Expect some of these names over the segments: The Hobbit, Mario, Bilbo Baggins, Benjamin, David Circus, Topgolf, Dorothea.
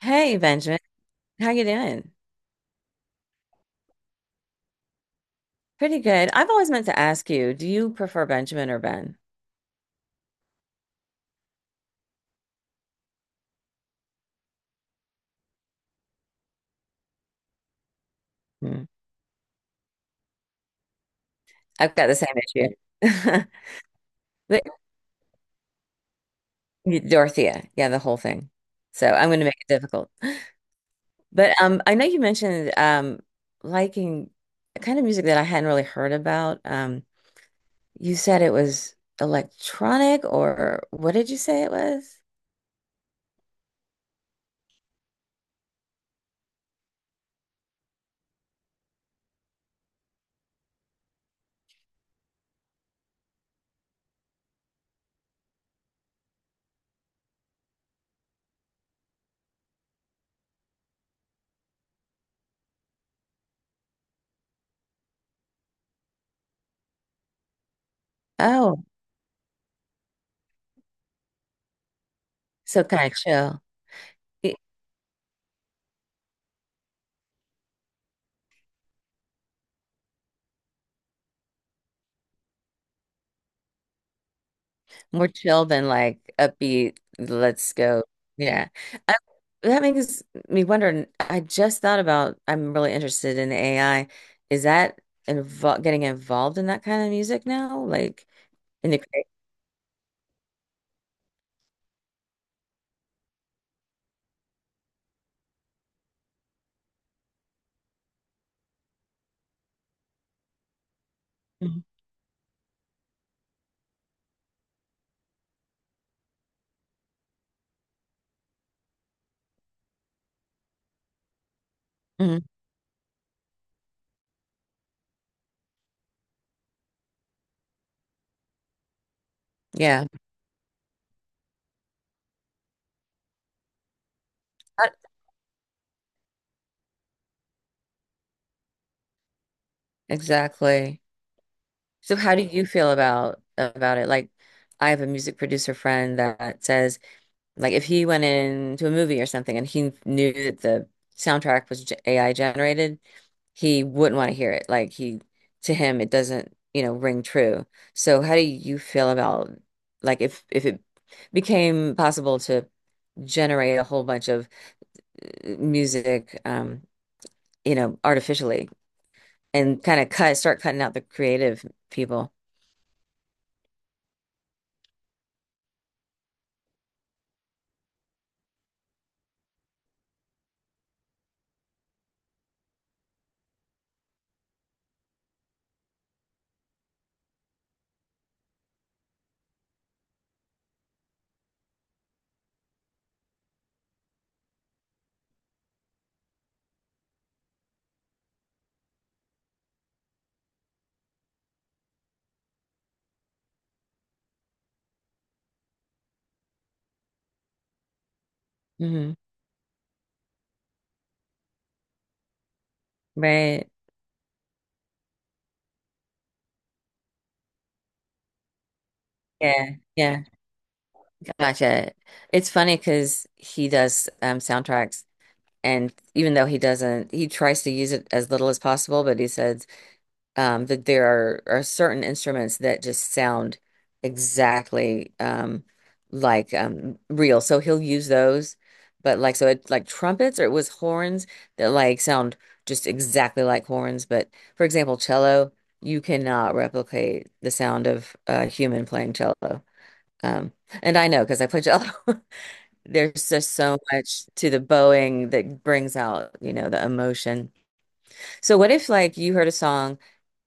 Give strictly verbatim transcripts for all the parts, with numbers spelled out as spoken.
Hey Benjamin, how you doing? Pretty good. I've always meant to ask you, do you prefer Benjamin or Ben? Hmm. I've got the same issue. But- Dorothea, yeah, the whole thing. So I'm going to make it difficult. But um, I know you mentioned um, liking a kind of music that I hadn't really heard about. Um, you said it was electronic, or what did you say it was? Oh, so kind of chill. More chill than like upbeat, let's go. Yeah. I, that makes me wonder. I just thought about, I'm really interested in A I. Is that invo getting involved in that kind of music now? Like in the creation? Hmm. Yeah. Not- Exactly. So how do you feel about about it? Like I have a music producer friend that says like if he went into a movie or something and he knew that the soundtrack was ge- A I generated, he wouldn't want to hear it. Like he, to him, it doesn't, you know, ring true. So how do you feel about like if if it became possible to generate a whole bunch of uh, music, um, you know, artificially and kind of cut, start cutting out the creative people? Hmm. Right. Yeah. Yeah. Gotcha. It's funny because he does um, soundtracks. And even though he doesn't, he tries to use it as little as possible, but he said um, that there are, are certain instruments that just sound exactly um, like um, real. So he'll use those, but like, so it like trumpets or it was horns that like sound just exactly like horns. But for example, cello, you cannot replicate the sound of a human playing cello. Um, and I know because I play cello. There's just so much to the bowing that brings out, you know, the emotion. So what if like you heard a song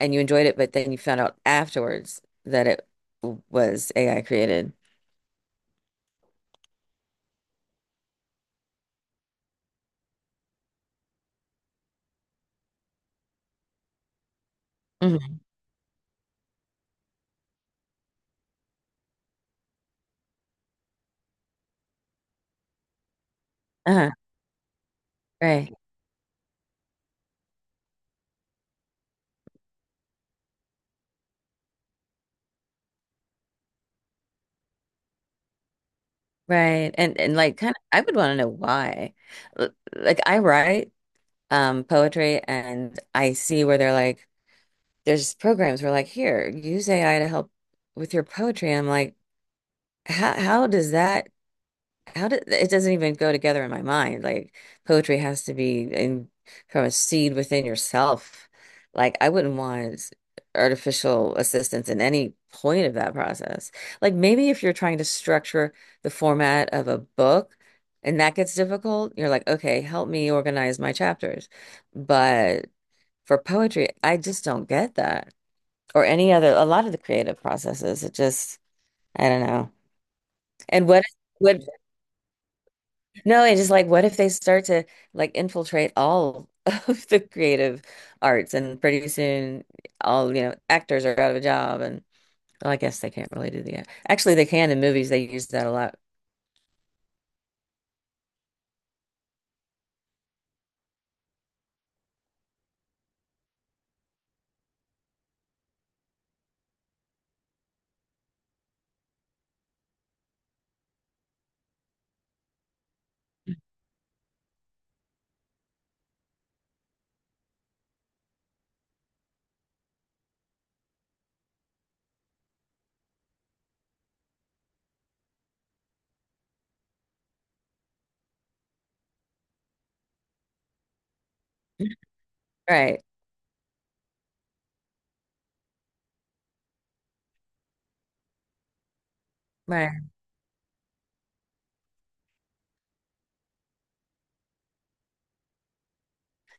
and you enjoyed it, but then you found out afterwards that it was A I created? Hmm. Uh-huh. Right. Right. And and like kind of I would want to know why. L- Like I write um poetry and I see where they're like there's programs where like here, use A I to help with your poetry. I'm like, how how does that how did it doesn't even go together in my mind. Like poetry has to be in from a seed within yourself. Like I wouldn't want artificial assistance in any point of that process. Like maybe if you're trying to structure the format of a book and that gets difficult, you're like, okay, help me organize my chapters. But for poetry, I just don't get that. Or any other, a lot of the creative processes. It just, I don't know. And what what No, it is like, what if they start to like infiltrate all of the creative arts, and pretty soon, all you know, actors are out of a job, and well, I guess they can't really do the act. Actually, they can in movies. They use that a lot. Right, right.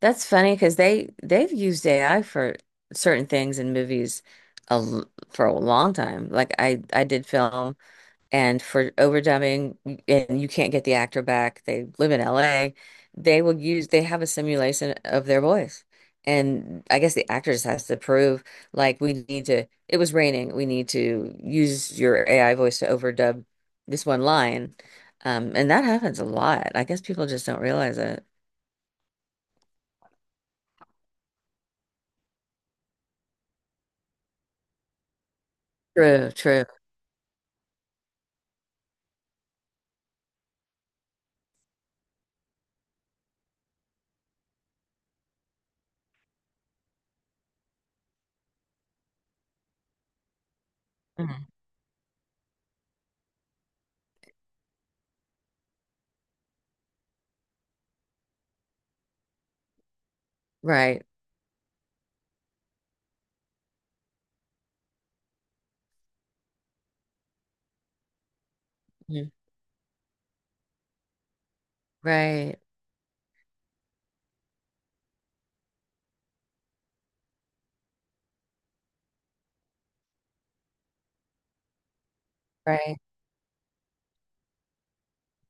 That's funny because they they've used A I for certain things in movies a, l- for a long time. Like I I did film and for overdubbing and you can't get the actor back. They live in L A. They will use they have a simulation of their voice. And I guess the actor just has to prove like we need to it was raining. We need to use your A I voice to overdub this one line. Um, and that happens a lot. I guess people just don't realize it. True, true. Right. Mhm. Right. Right.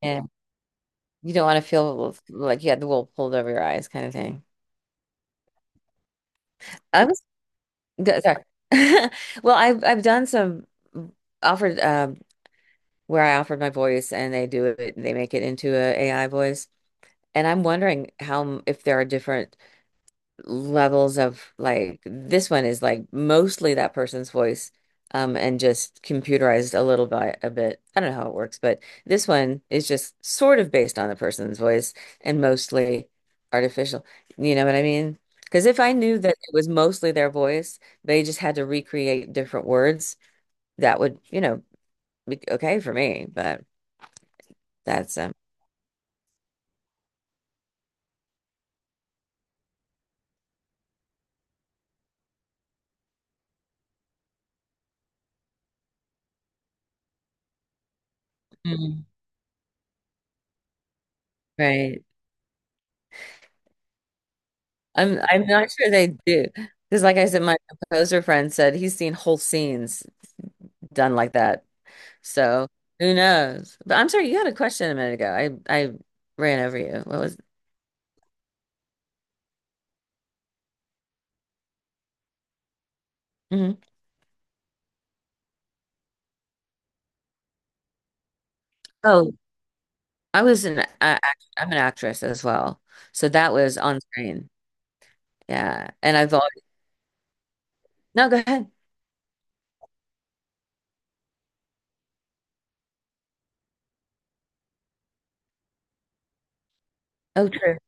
Yeah. You don't want to feel like you had the wool pulled over your eyes kind of thing. I was d- Sorry. Well, I've I've done some mm, offered um where I offered my voice and they do it they make it into a AI voice. And I'm wondering how m- if there are different levels of like this one is like mostly that person's voice um and just computerized a little bit a bit. I don't know how it works, but this one is just sort of based on the person's voice and mostly artificial. You know what I mean? Because if I knew that it was mostly their voice, they just had to recreate different words, that would, you know, be okay for me, but that's um Mm. Right. I'm I'm not sure they do. Because like I said, my composer friend said he's seen whole scenes done like that. So who knows? But I'm sorry, you had a question a minute ago. I I ran over you. What was Mhm. Oh, I was an I, I'm an actress as well. So that was on screen. Yeah. And I've always No, go ahead. Oh, true.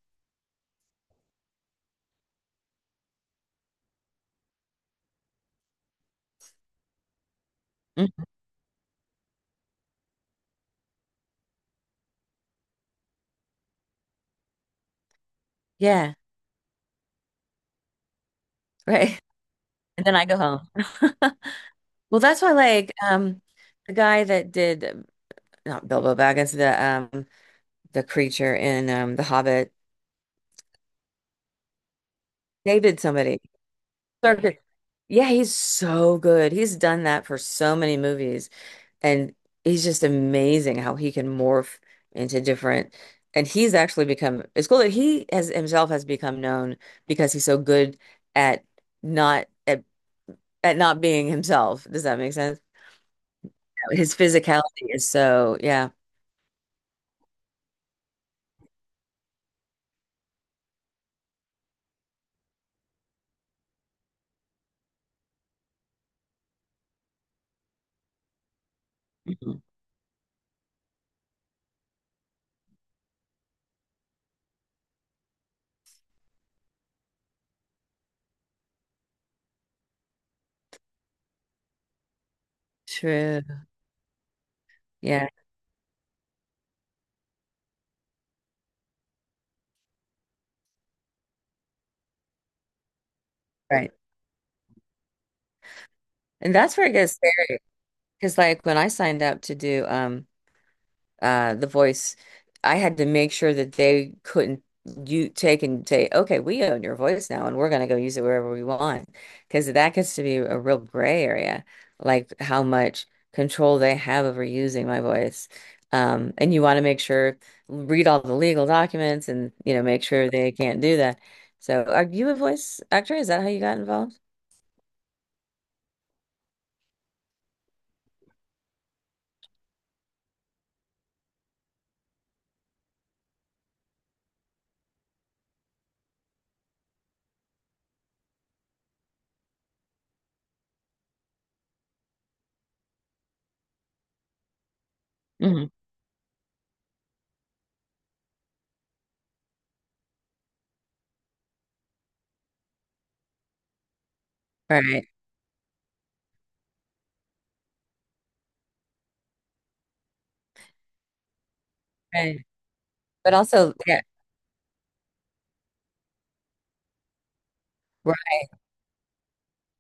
Mhm. Yeah. Right. And then I go home. Well, that's why like um the guy that did um, not Bilbo Baggins, the um the creature in um The Hobbit. David somebody. Circus. Yeah, he's so good. He's done that for so many movies, and he's just amazing how he can morph into different. And he's actually become, it's cool that he has himself has become known because he's so good at not at, at not being himself. Does that make sense? His physicality is so, yeah. Mhm. True. Yeah, right. And that's where it gets scary. Because like when I signed up to do um uh the voice I had to make sure that they couldn't you take and say okay we own your voice now and we're going to go use it wherever we want because that gets to be a real gray area like how much control they have over using my voice um and you want to make sure read all the legal documents and you know make sure they can't do that so are you a voice actor is that how you got involved Mhm. right right but also yeah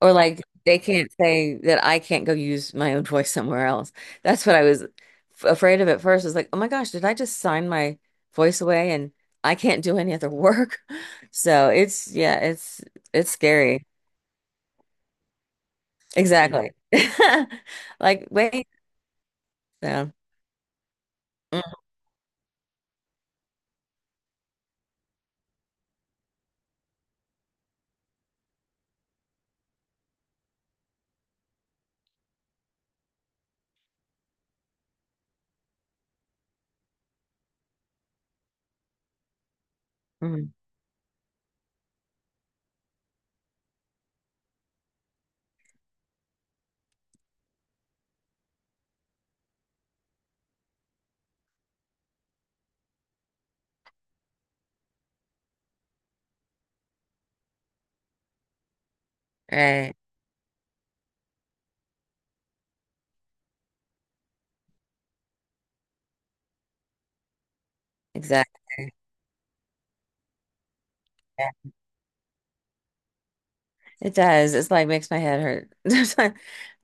Or like they can't say that I can't go use my own voice somewhere else. That's what I was f- afraid of at first. I was like, oh my gosh, did I just sign my voice away and I can't do any other work? So it's yeah, it's it's scary. Exactly. Like wait, so mm, mm, right, exactly. Yeah. It does. It's like makes my head hurt.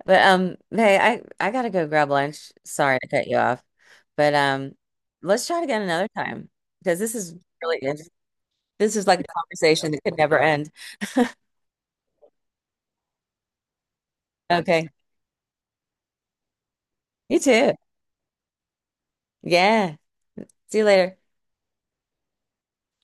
But um, hey, I I gotta go grab lunch. Sorry to cut you off, but um, let's try it again another time because this is really interesting. This is like a conversation that could never end. Okay, you too. Yeah. See you later.